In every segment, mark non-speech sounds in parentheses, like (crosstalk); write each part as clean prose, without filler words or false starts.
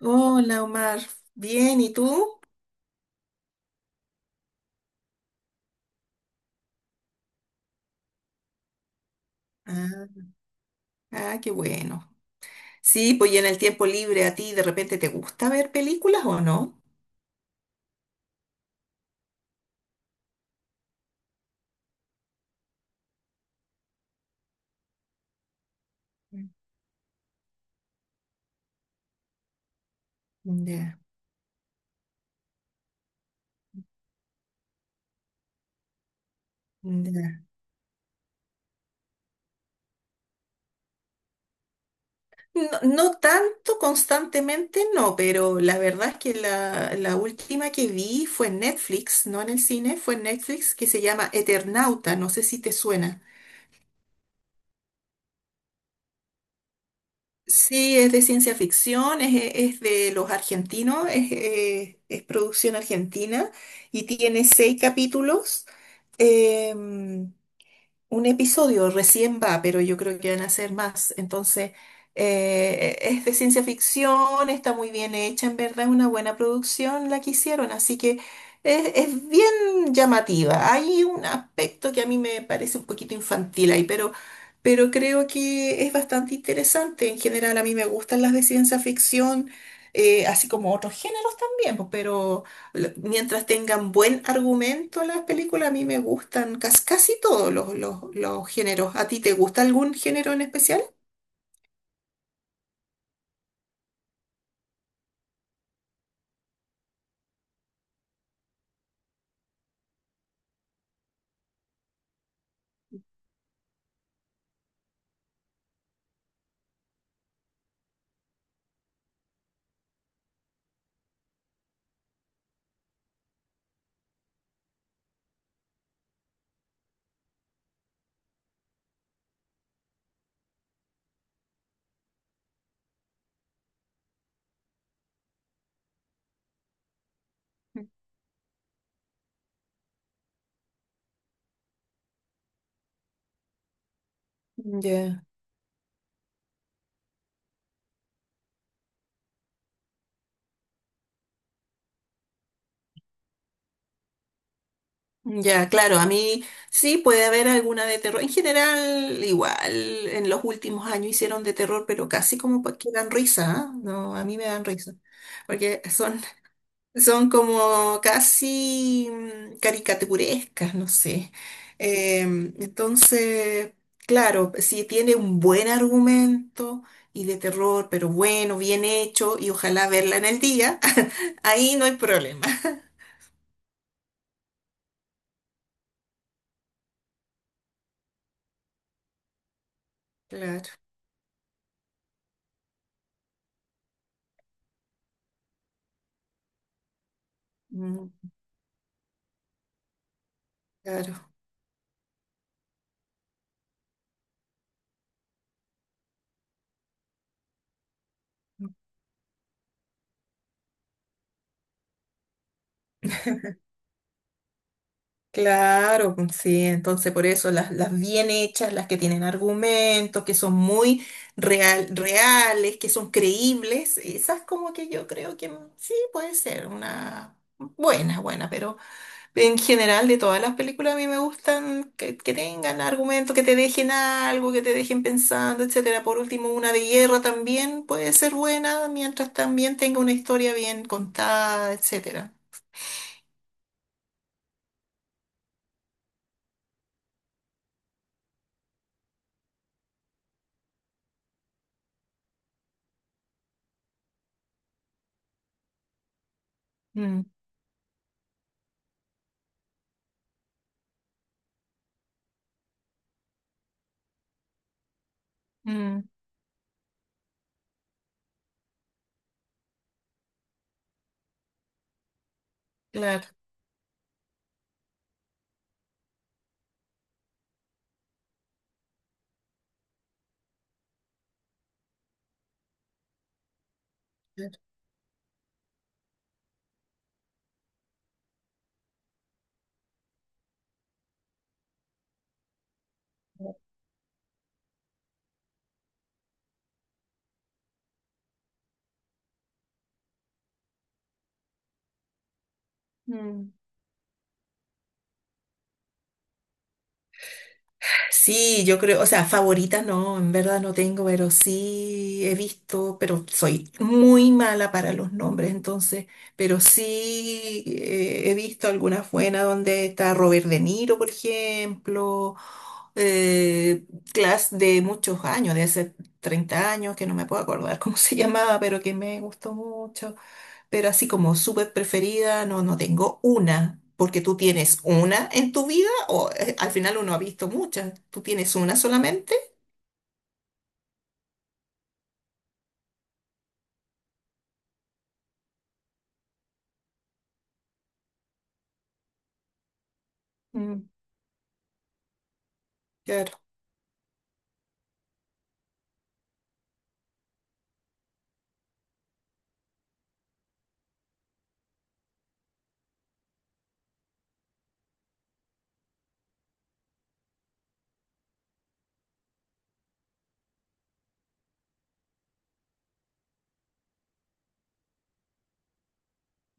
Hola Omar, bien, ¿y tú? Ah, ah, qué bueno. Sí, pues y en el tiempo libre a ti de repente te gusta ver películas o no? Ya, ya. No, no tanto constantemente, no, pero la verdad es que la última que vi fue en Netflix, no en el cine, fue en Netflix, que se llama Eternauta, no sé si te suena. Sí, es de ciencia ficción, es de los argentinos, es producción argentina y tiene 6 capítulos. Em, un episodio recién va, pero yo creo que van a ser más. Entonces, es de ciencia ficción, está muy bien hecha, en verdad es una buena producción la que hicieron, así que es bien llamativa. Hay un aspecto que a mí me parece un poquito infantil ahí, pero creo que es bastante interesante. En general, a mí me gustan las de ciencia ficción, así como otros géneros también, pues, pero mientras tengan buen argumento las películas, a mí me gustan casi todos los géneros. ¿A ti te gusta algún género en especial? Ya. Ya, claro, a mí sí puede haber alguna de terror. En general, igual, en los últimos años hicieron de terror, pero casi como que dan risa, ¿ah? No, a mí me dan risa, porque son. Son como casi caricaturescas, no sé. Entonces, claro, si tiene un buen argumento y de terror, pero bueno, bien hecho, y ojalá verla en el día, (laughs) ahí no hay problema. Claro, mm, claro. Claro, pues, sí, entonces por eso las bien hechas, las que tienen argumentos, que son muy reales, que son creíbles, esas como que yo creo que sí puede ser una buena, pero en general de todas las películas a mí me gustan que tengan argumentos, que te dejen algo, que te dejen pensando, etcétera. Por último, una de guerra también puede ser buena mientras también tenga una historia bien contada, etcétera. Mm, mm, claro. Claro. Mm. Sí, yo creo, o sea, favorita no, en verdad no tengo, pero sí he visto, pero soy muy mala para los nombres, entonces, pero sí he visto algunas buenas donde está Robert De Niro, por ejemplo, eh, Class de muchos años, de hace 30 años, que no me puedo acordar (laughs) cómo se llamaba, pero que me gustó mucho, pero así como súper preferida, no, no tengo una, porque tú tienes una en tu vida o al final uno ha visto muchas, tú tienes una solamente. Mm. Claro.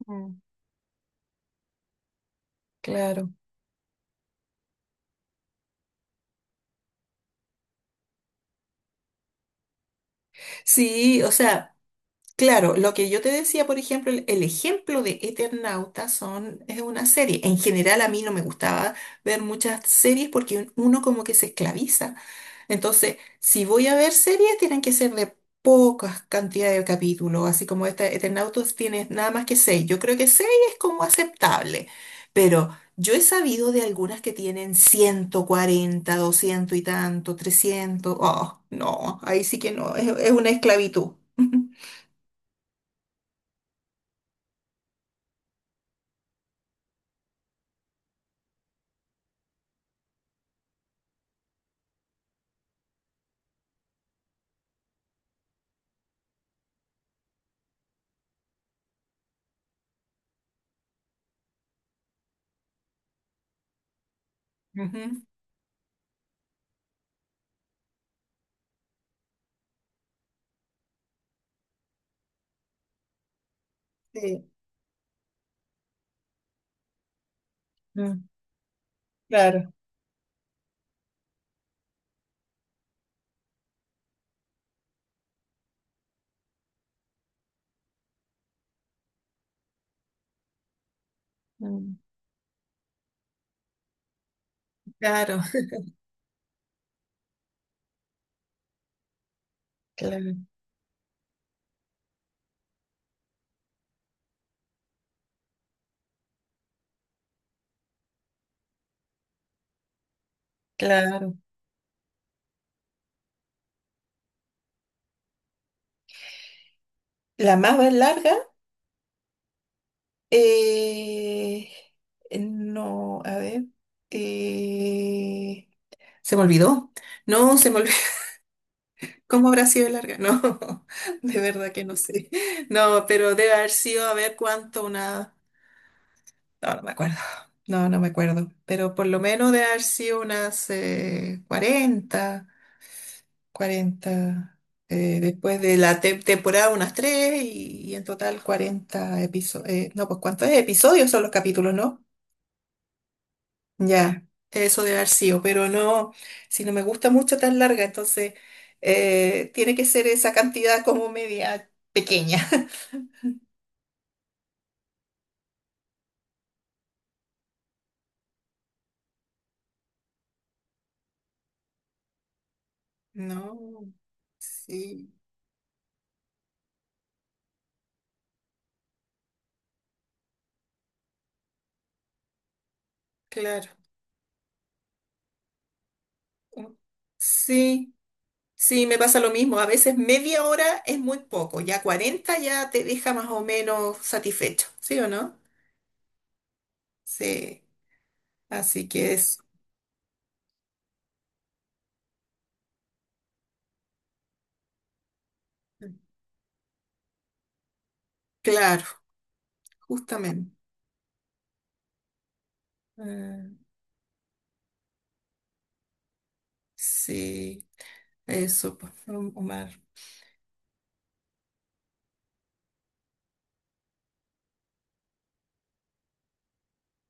Mm, claro. Sí, o sea, claro, lo que yo te decía, por ejemplo, el ejemplo de Eternauta son, es una serie. En general a mí no me gustaba ver muchas series porque uno como que se esclaviza. Entonces, si voy a ver series, tienen que ser de pocas cantidades de capítulos, así como esta Eternautos tiene nada más que seis. Yo creo que seis es como aceptable, pero yo he sabido de algunas que tienen 140, 200 y tanto, 300. Oh, no, ahí sí que no, es una esclavitud. (laughs) Ujú. Sí, mm, claro, mm, claro. (laughs) Claro, claro. La más larga. Eh, no, a ver. eh, Se me olvidó. No, se me olvidó. (laughs) ¿Cómo habrá sido larga? No, (laughs) de verdad que no sé. No, pero debe haber sido, a ver cuánto, una... No, no me acuerdo. No, no me acuerdo. Pero por lo menos debe haber sido unas 40. 40, después de la temporada unas 3 y en total 40 episodios. No, pues ¿cuántos episodios son los capítulos, no? Ya, eso debe haber sido, pero no, si no me gusta mucho tan larga, entonces tiene que ser esa cantidad como media pequeña. (laughs) No, sí, claro. Uh. Sí, sí, me pasa lo mismo. A veces media hora es muy poco, ya 40 ya te deja más o menos satisfecho, ¿sí o no? Sí, así que es, claro, justamente. Ah, sí, eso, pues, Omar.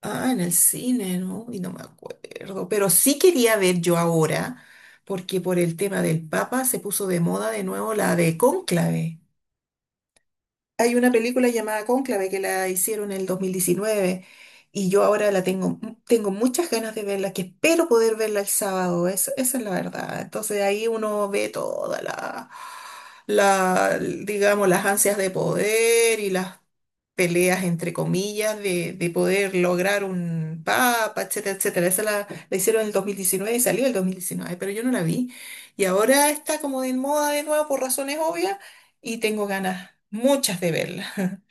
Ah, en el cine, ¿no? Y no me acuerdo. Pero sí quería ver yo ahora, porque por el tema del Papa se puso de moda de nuevo la de Cónclave. Hay una película llamada Cónclave que la hicieron en el 2019 y yo ahora la tengo, tengo muchas ganas de verla, que espero poder verla el sábado, esa es la verdad. Entonces ahí uno ve toda la, digamos, las ansias de poder y las peleas entre comillas de poder lograr un papa, etcétera, etcétera. Esa la hicieron en el 2019 y salió en el 2019, pero yo no la vi. Y ahora está como de moda de nuevo por razones obvias y tengo ganas, muchas de verla. (laughs)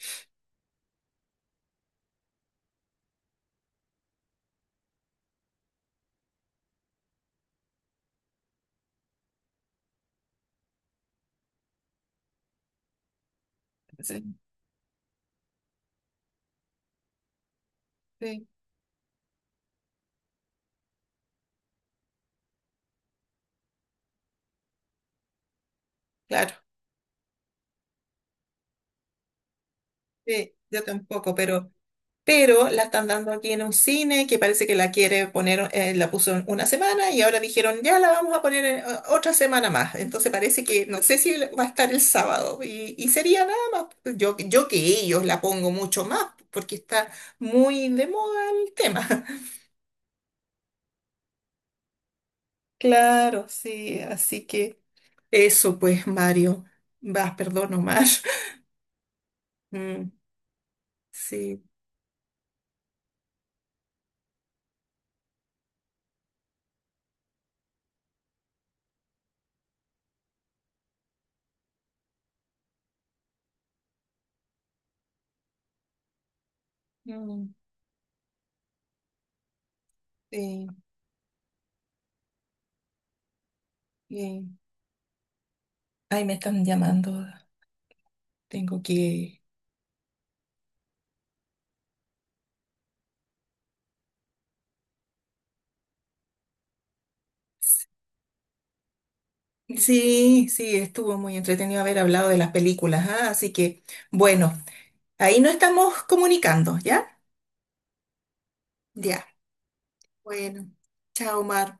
Sí, sí, claro. Sí, yo tampoco, pero la están dando aquí en un cine que parece que la quiere poner, la puso en una semana y ahora dijeron, ya la vamos a poner en, otra semana más. Entonces parece que, no sé si va a estar el sábado y sería nada más, yo que ellos la pongo mucho más porque está muy de moda el tema. (laughs) Claro, sí, así que eso pues, Mario, vas, perdón, Omar. (laughs) Mm, sí, mm, sí, bien. Ay, me están llamando, tengo que... Sí, sí, estuvo muy entretenido haber hablado de las películas, ah, así que, bueno, ahí nos estamos comunicando, ¿ya? Ya, bueno, chao, Mar.